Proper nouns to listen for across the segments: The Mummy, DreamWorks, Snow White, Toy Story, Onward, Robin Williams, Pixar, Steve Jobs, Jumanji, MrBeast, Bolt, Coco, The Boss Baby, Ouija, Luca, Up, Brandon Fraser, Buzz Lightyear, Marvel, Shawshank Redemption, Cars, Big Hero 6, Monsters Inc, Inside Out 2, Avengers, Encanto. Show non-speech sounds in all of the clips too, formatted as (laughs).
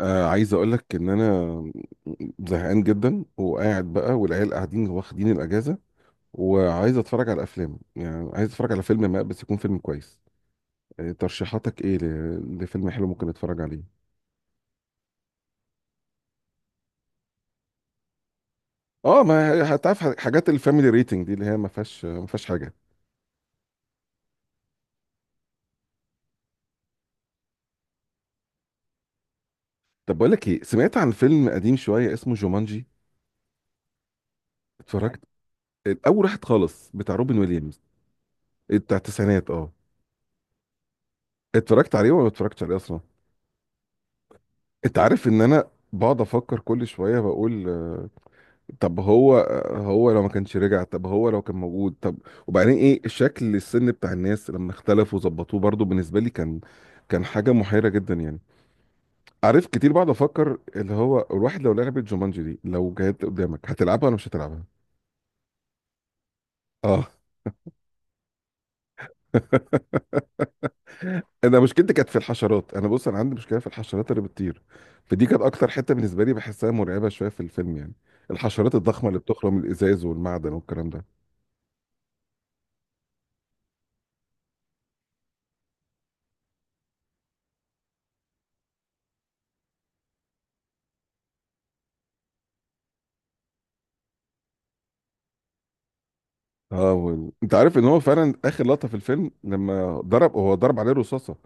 عايز اقول لك ان انا زهقان جدا وقاعد بقى، والعيال قاعدين واخدين الاجازه، وعايز اتفرج على افلام. يعني عايز اتفرج على فيلم ما بس يكون فيلم كويس. ترشيحاتك ايه لفيلم حلو ممكن اتفرج عليه؟ اه، ما هتعرف حاجات الفاميلي ريتنج دي اللي هي ما فيهاش حاجه. طب بقول لك ايه، سمعت عن فيلم قديم شويه اسمه جومانجي؟ اتفرجت الاول، واحد خالص بتاع روبن ويليامز. آه، بتاع التسعينات، اه. اتفرجت عليه ولا ما اتفرجتش عليه اصلا؟ انت عارف ان انا بقعد افكر كل شويه، بقول. طب هو هو لو ما كانش رجع، طب هو لو كان موجود، طب وبعدين ايه شكل السن بتاع الناس لما اختلفوا وظبطوه؟ برضو بالنسبه لي كان كان حاجه محيره جدا يعني. عارف، كتير بقعد افكر اللي هو الواحد لو لعبت جومانجي دي، لو جت قدامك هتلعبها ولا مش هتلعبها؟ اه. (laughs) انا مشكلتي كانت في الحشرات. انا بص، انا عندي مشكله في الحشرات اللي بتطير. فدي كانت اكتر حته بالنسبه لي بحسها مرعبه شويه في الفيلم يعني. الحشرات الضخمه اللي بتخرم الازاز والمعدن والكلام ده. اه، انت عارف ان هو فعلا اخر لقطه في الفيلم لما ضرب، هو ضرب عليه رصاصه،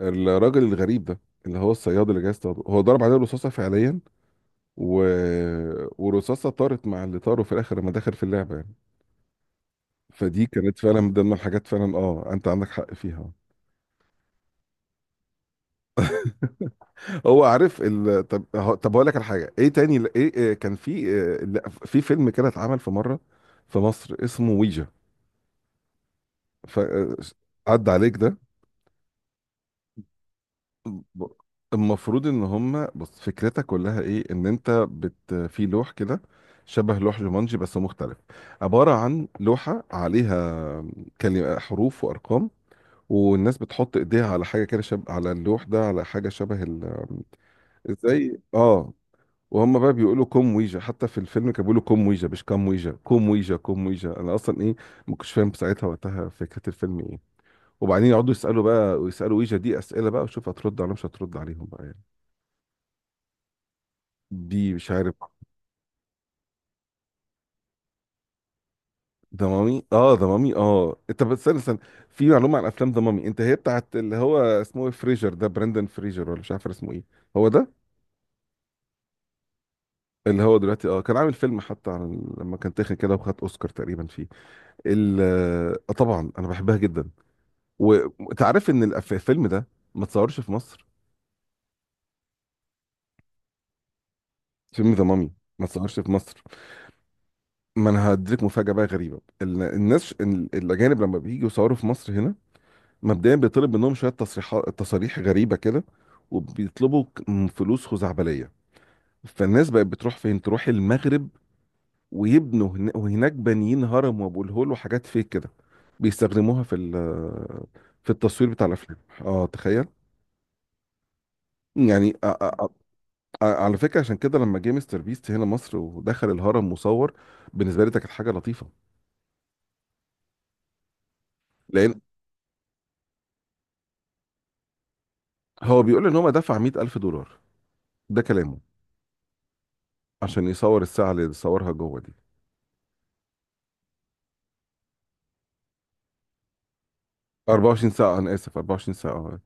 الراجل الغريب ده، اللي هو الصياد اللي جاي يصطاده، هو ضرب عليه رصاصه فعليا. و... ورصاصه طارت مع اللي طاروا في الاخر لما دخل في اللعبه يعني. فدي كانت فعلا من ضمن الحاجات، فعلا اه، انت عندك حق فيها. طب هقول لك على حاجه. ايه تاني؟ ل- ايه إيه كان في إيه، لا، في فيلم كده اتعمل في مره في مصر اسمه ويجا. ف... عدى عليك ده؟ ب- المفروض ان هم، بص، فكرتها كلها ايه؟ ان انت بت في لوح كده، شبه لوح جومانجي بس مختلف. عبارة عن لوحة عليها كلمة، حروف وارقام، والناس بتحط ايديها على حاجة كده شبه، على اللوح ده، على حاجة شبه... ازاي، اه. وهم بقى بيقولوا كوم ويجا، حتى في الفيلم كانوا بيقولوا كوم ويجا مش كام ويجا، كوم ويجا كوم ويجا. انا اصلا ايه، ما كنتش فاهم ساعتها وقتها فكرة الفيلم ايه. وبعدين يقعدوا يسألوا بقى، ويسألوا ويجا دي اسئلة بقى، وشوف هترد عليهم مش هترد عليهم بقى يعني. دي مش عارف. ضمامي، اه، ضمامي، اه انت بس استنى استنى. في معلومه عن افلام ضمامي. انت هي بتاعت اللي هو اسمه ايه، فريجر ده، براندن فريجر، ولا مش عارف اسمه ايه؟ هو ده. اللي هو دلوقتي اه كان عامل فيلم حتى عن لما كان تخن كده وخد اوسكار تقريبا فيه. ال آه طبعا، انا بحبها جدا. وانت عارف ان الفيلم ده ما اتصورش في مصر؟ فيلم ضمامي ما اتصورش في مصر. ما انا هديك مفاجاه بقى غريبه. الناس الاجانب لما بييجوا يصوروا في مصر هنا، مبدئيا بيطلب منهم شويه تصريحات، تصاريح غريبه كده، وبيطلبوا فلوس خزعبليه. فالناس بقت بتروح فين؟ تروح المغرب، ويبنوا وهناك بانيين هرم وابو الهول وحاجات فيك كده، بيستخدموها في في التصوير بتاع الافلام. اه، تخيل. يعني أ- أ- على فكره عشان كده، لما جه مستر بيست هنا مصر ودخل الهرم وصور، بالنسبه لي ده كانت حاجه لطيفه، لان هو بيقول ان هو دفع $100,000. ده كلامه. عشان يصور الساعه اللي صورها جوه دي، 24 ساعة. أنا آسف، 24 ساعة، آه.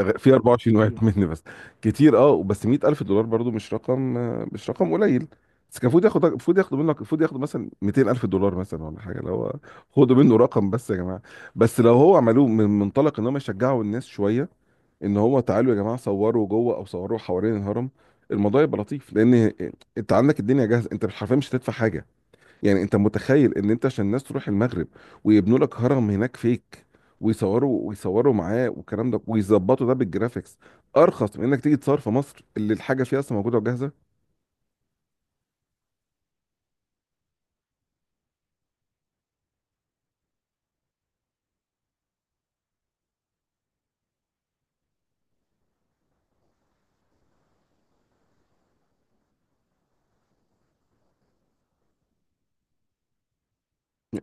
في 24 واحد (laughs) مني بس. كتير، أه، بس 100,000 ألف دولار برضو مش رقم، مش رقم قليل. بس كان المفروض ياخد، المفروض ياخدوا منك، المفروض ياخدوا مثلا 200,000 ألف دولار مثلا ولا حاجة، اللي هو خدوا منه رقم بس يا جماعة. بس لو هو عملوه من منطلق إن هم يشجعوا الناس شوية، إن هو تعالوا يا جماعة صوروا جوه أو صوروا حوالين الهرم، الموضوع يبقى لطيف. لأن أنت عندك الدنيا جاهزة، أنت حرفيا مش هتدفع حاجة. يعني انت متخيل ان انت عشان الناس تروح المغرب ويبنوا لك هرم هناك فيك، ويصوروا ويصوروا معاه والكلام ده، ويظبطوا ده بالجرافيكس، ارخص من انك تيجي تصور في مصر اللي الحاجه فيها اصلا موجوده وجاهزه؟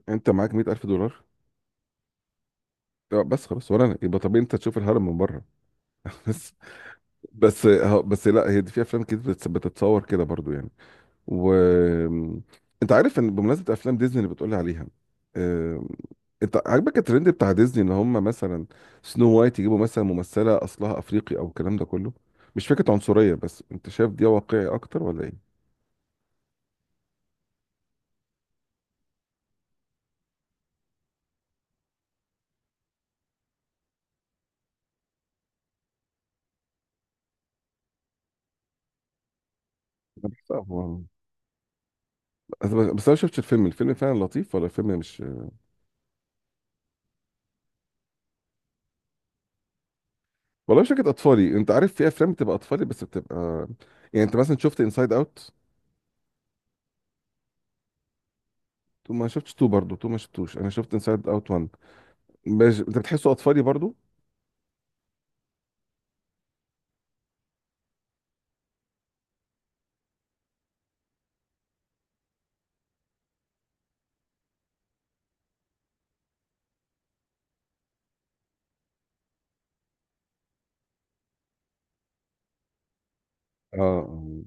انت معاك $100,000؟ اه بس خلاص، ولا أنا. يبقى طبيعي انت تشوف الهرم من بره. (laughs) بس. بس، اه، بس لا، هي دي في افلام كده بتتصور كده برضو يعني. و انت عارف ان بمناسبه افلام ديزني اللي بتقولي عليها، آه، انت عاجبك الترند بتاع ديزني ان هم مثلا سنو وايت يجيبوا مثلا ممثله اصلها افريقي او الكلام ده كله؟ مش فكره عنصريه، بس انت شايف دي واقعي اكتر ولا ايه؟ انا بحسها هو- بس، بس انا شفت الفيلم، الفيلم فعلا لطيف ولا الفيلم مش؟ والله مش فكره اطفالي. انت عارف في افلام بتبقى اطفالي بس بتبقى، يعني، انت مثلا شفت انسايد اوت تو؟ ما شفتش تو برضه، تو ما شفتوش. انا شفت انسايد اوت 1 مش... انت بتحسه اطفالي برضه؟ اه، آه.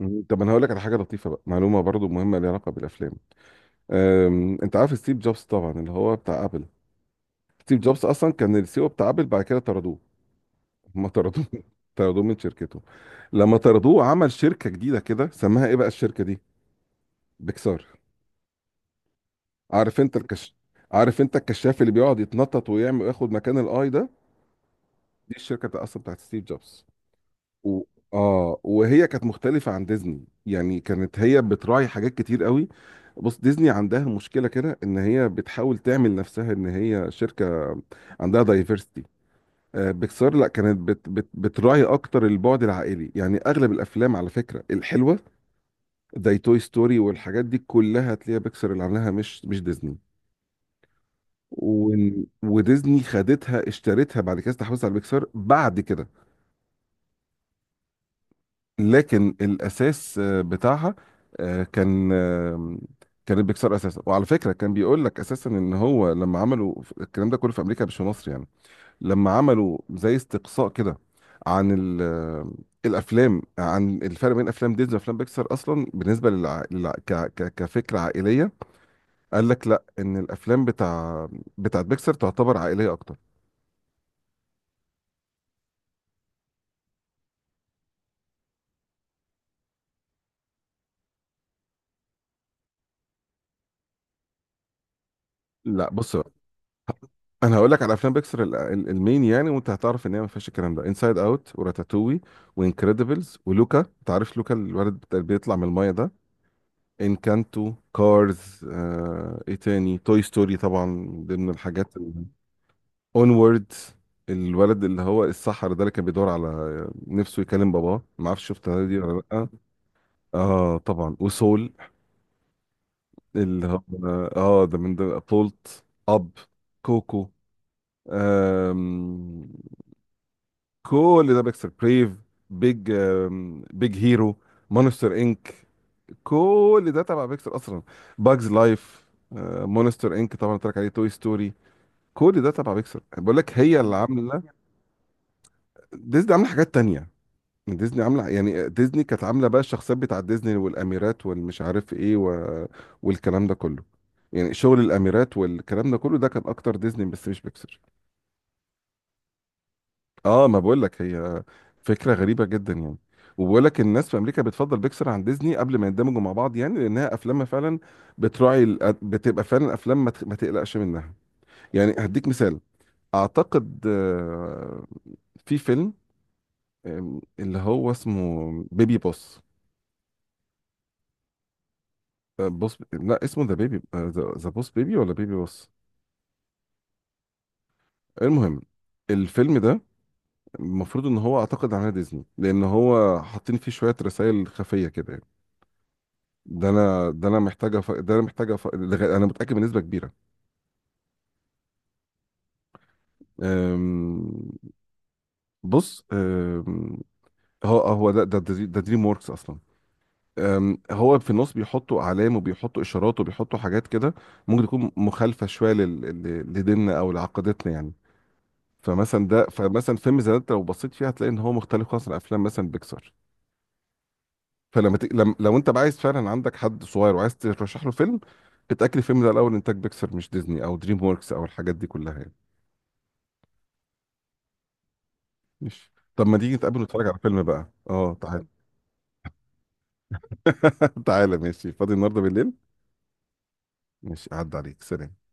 مم. طب انا هقول لك على حاجه لطيفه بقى، معلومه برضه مهمه ليها علاقه بالافلام. انت عارف ستيف جوبز طبعا، اللي هو بتاع ابل؟ ستيف جوبز اصلا كان السي او بتاع ابل، بعد كده طردوه. ما طردوه (laughs) طردوه من شركته. لما طردوه عمل شركه جديده، كده سماها ايه بقى الشركه دي؟ بيكسار. عارف انت الكش عارف انت الكشاف اللي بيقعد يتنطط ويعمل وياخد مكان الاي ده؟ دي الشركه بتاع، اصلا، بتاعت ستيف جوبز. و... اه، وهي كانت مختلفة عن ديزني يعني. كانت هي بتراعي حاجات كتير قوي. بص، ديزني عندها مشكلة كده ان هي بتحاول تعمل نفسها ان هي شركة عندها دايفرستي. بيكسار لا، كانت بت بت بتراعي اكتر البعد العائلي. يعني اغلب الافلام على فكرة الحلوة، زي توي ستوري والحاجات دي كلها، تلاقيها بيكسار اللي عاملاها، مش ديزني. و... وديزني خدتها، اشترتها بعد كده، استحوذت على بيكسار بعد كده. لكن الاساس بتاعها آه، كان آه، كانت بيكسر اساسا. وعلى فكره كان بيقول لك اساسا ان هو لما عملوا الكلام ده كله في امريكا، مش في مصر يعني، لما عملوا زي استقصاء كده عن الافلام، عن الفرق بين افلام ديزني وافلام بيكسر اصلا بالنسبه كفكره عائليه، قال لك لا، ان الافلام بتاعت بيكسر تعتبر عائليه اكتر. لا بص، انا هقول لك على افلام بيكسر المين يعني، وانت هتعرف ان هي ما فيهاش الكلام ده. انسايد اوت، وراتاتوي، وانكريدبلز، ولوكا. انت عارف لوكا الولد اللي بيطلع من المايه ده؟ انكانتو، كارز، ايه تاني، توي ستوري طبعا من ضمن الحاجات، اونورد، الولد اللي هو السحر ده اللي كان بيدور على نفسه يكلم باباه. ما اعرفش شفتها دي ولا لا؟ اه طبعا. وسول، اللي هو، اه، ده من ضمن، بولت اب، كوكو، آه... كل ده بيكسر. بريف، بيج هيرو، مونستر انك. كل ده تبع بيكسر اصلا. باجز لايف. مونستر انك طبعا قلت لك عليه، توي ستوري، كل ده تبع بيكسر، بقول لك هي اللي عامله. ديزني عامله حاجات تانية. ديزني عامله، يعني، ديزني كانت عامله بقى الشخصيات بتاع ديزني، والاميرات، والمش عارف ايه، و... والكلام ده كله. يعني شغل الاميرات والكلام ده كله، ده كان اكتر ديزني بس مش بيكسر. اه، ما بقول لك، هي فكره غريبه جدا يعني. وبقول لك الناس في امريكا بتفضل بيكسر عن ديزني قبل ما يندمجوا مع بعض، يعني لانها افلامها فعلا بتراعي بتبقى فعلا افلام ما تقلقش منها يعني. هديك مثال، اعتقد، في فيلم، اللي هو اسمه بيبي بوس. بوس، لا اسمه ذا بيبي، ذا بوس بيبي، ولا بيبي بوس؟ المهم، الفيلم ده المفروض ان هو، اعتقد، عمل ديزني، لان هو حاطين فيه شويه رسائل خفيه كده يعني. ده انا محتاجه. انا متاكد بنسبه كبيره. أم... بص، هو ده دريم ووركس اصلا. هو في النص بيحطوا اعلام، وبيحطوا اشارات، وبيحطوا حاجات كده ممكن تكون مخالفه شويه لديننا او لعقيدتنا يعني. فمثلا فيلم زي ده، انت لو بصيت فيه هتلاقي ان هو مختلف خالص عن افلام مثلا بيكسار. فلما ت... لم... لو انت بقى عايز فعلا عندك حد صغير وعايز ترشح له فيلم، اتاكد الفيلم ده الاول انتاج بيكسار، مش ديزني او دريم ووركس او الحاجات دي كلها يعني. ماشي، طب ما تيجي نتقابل ونتفرج على فيلم بقى؟ اه تعالى. (laughs) تعالى، ماشي، فاضي النهارده بالليل. ماشي، عدى عليك، سلام.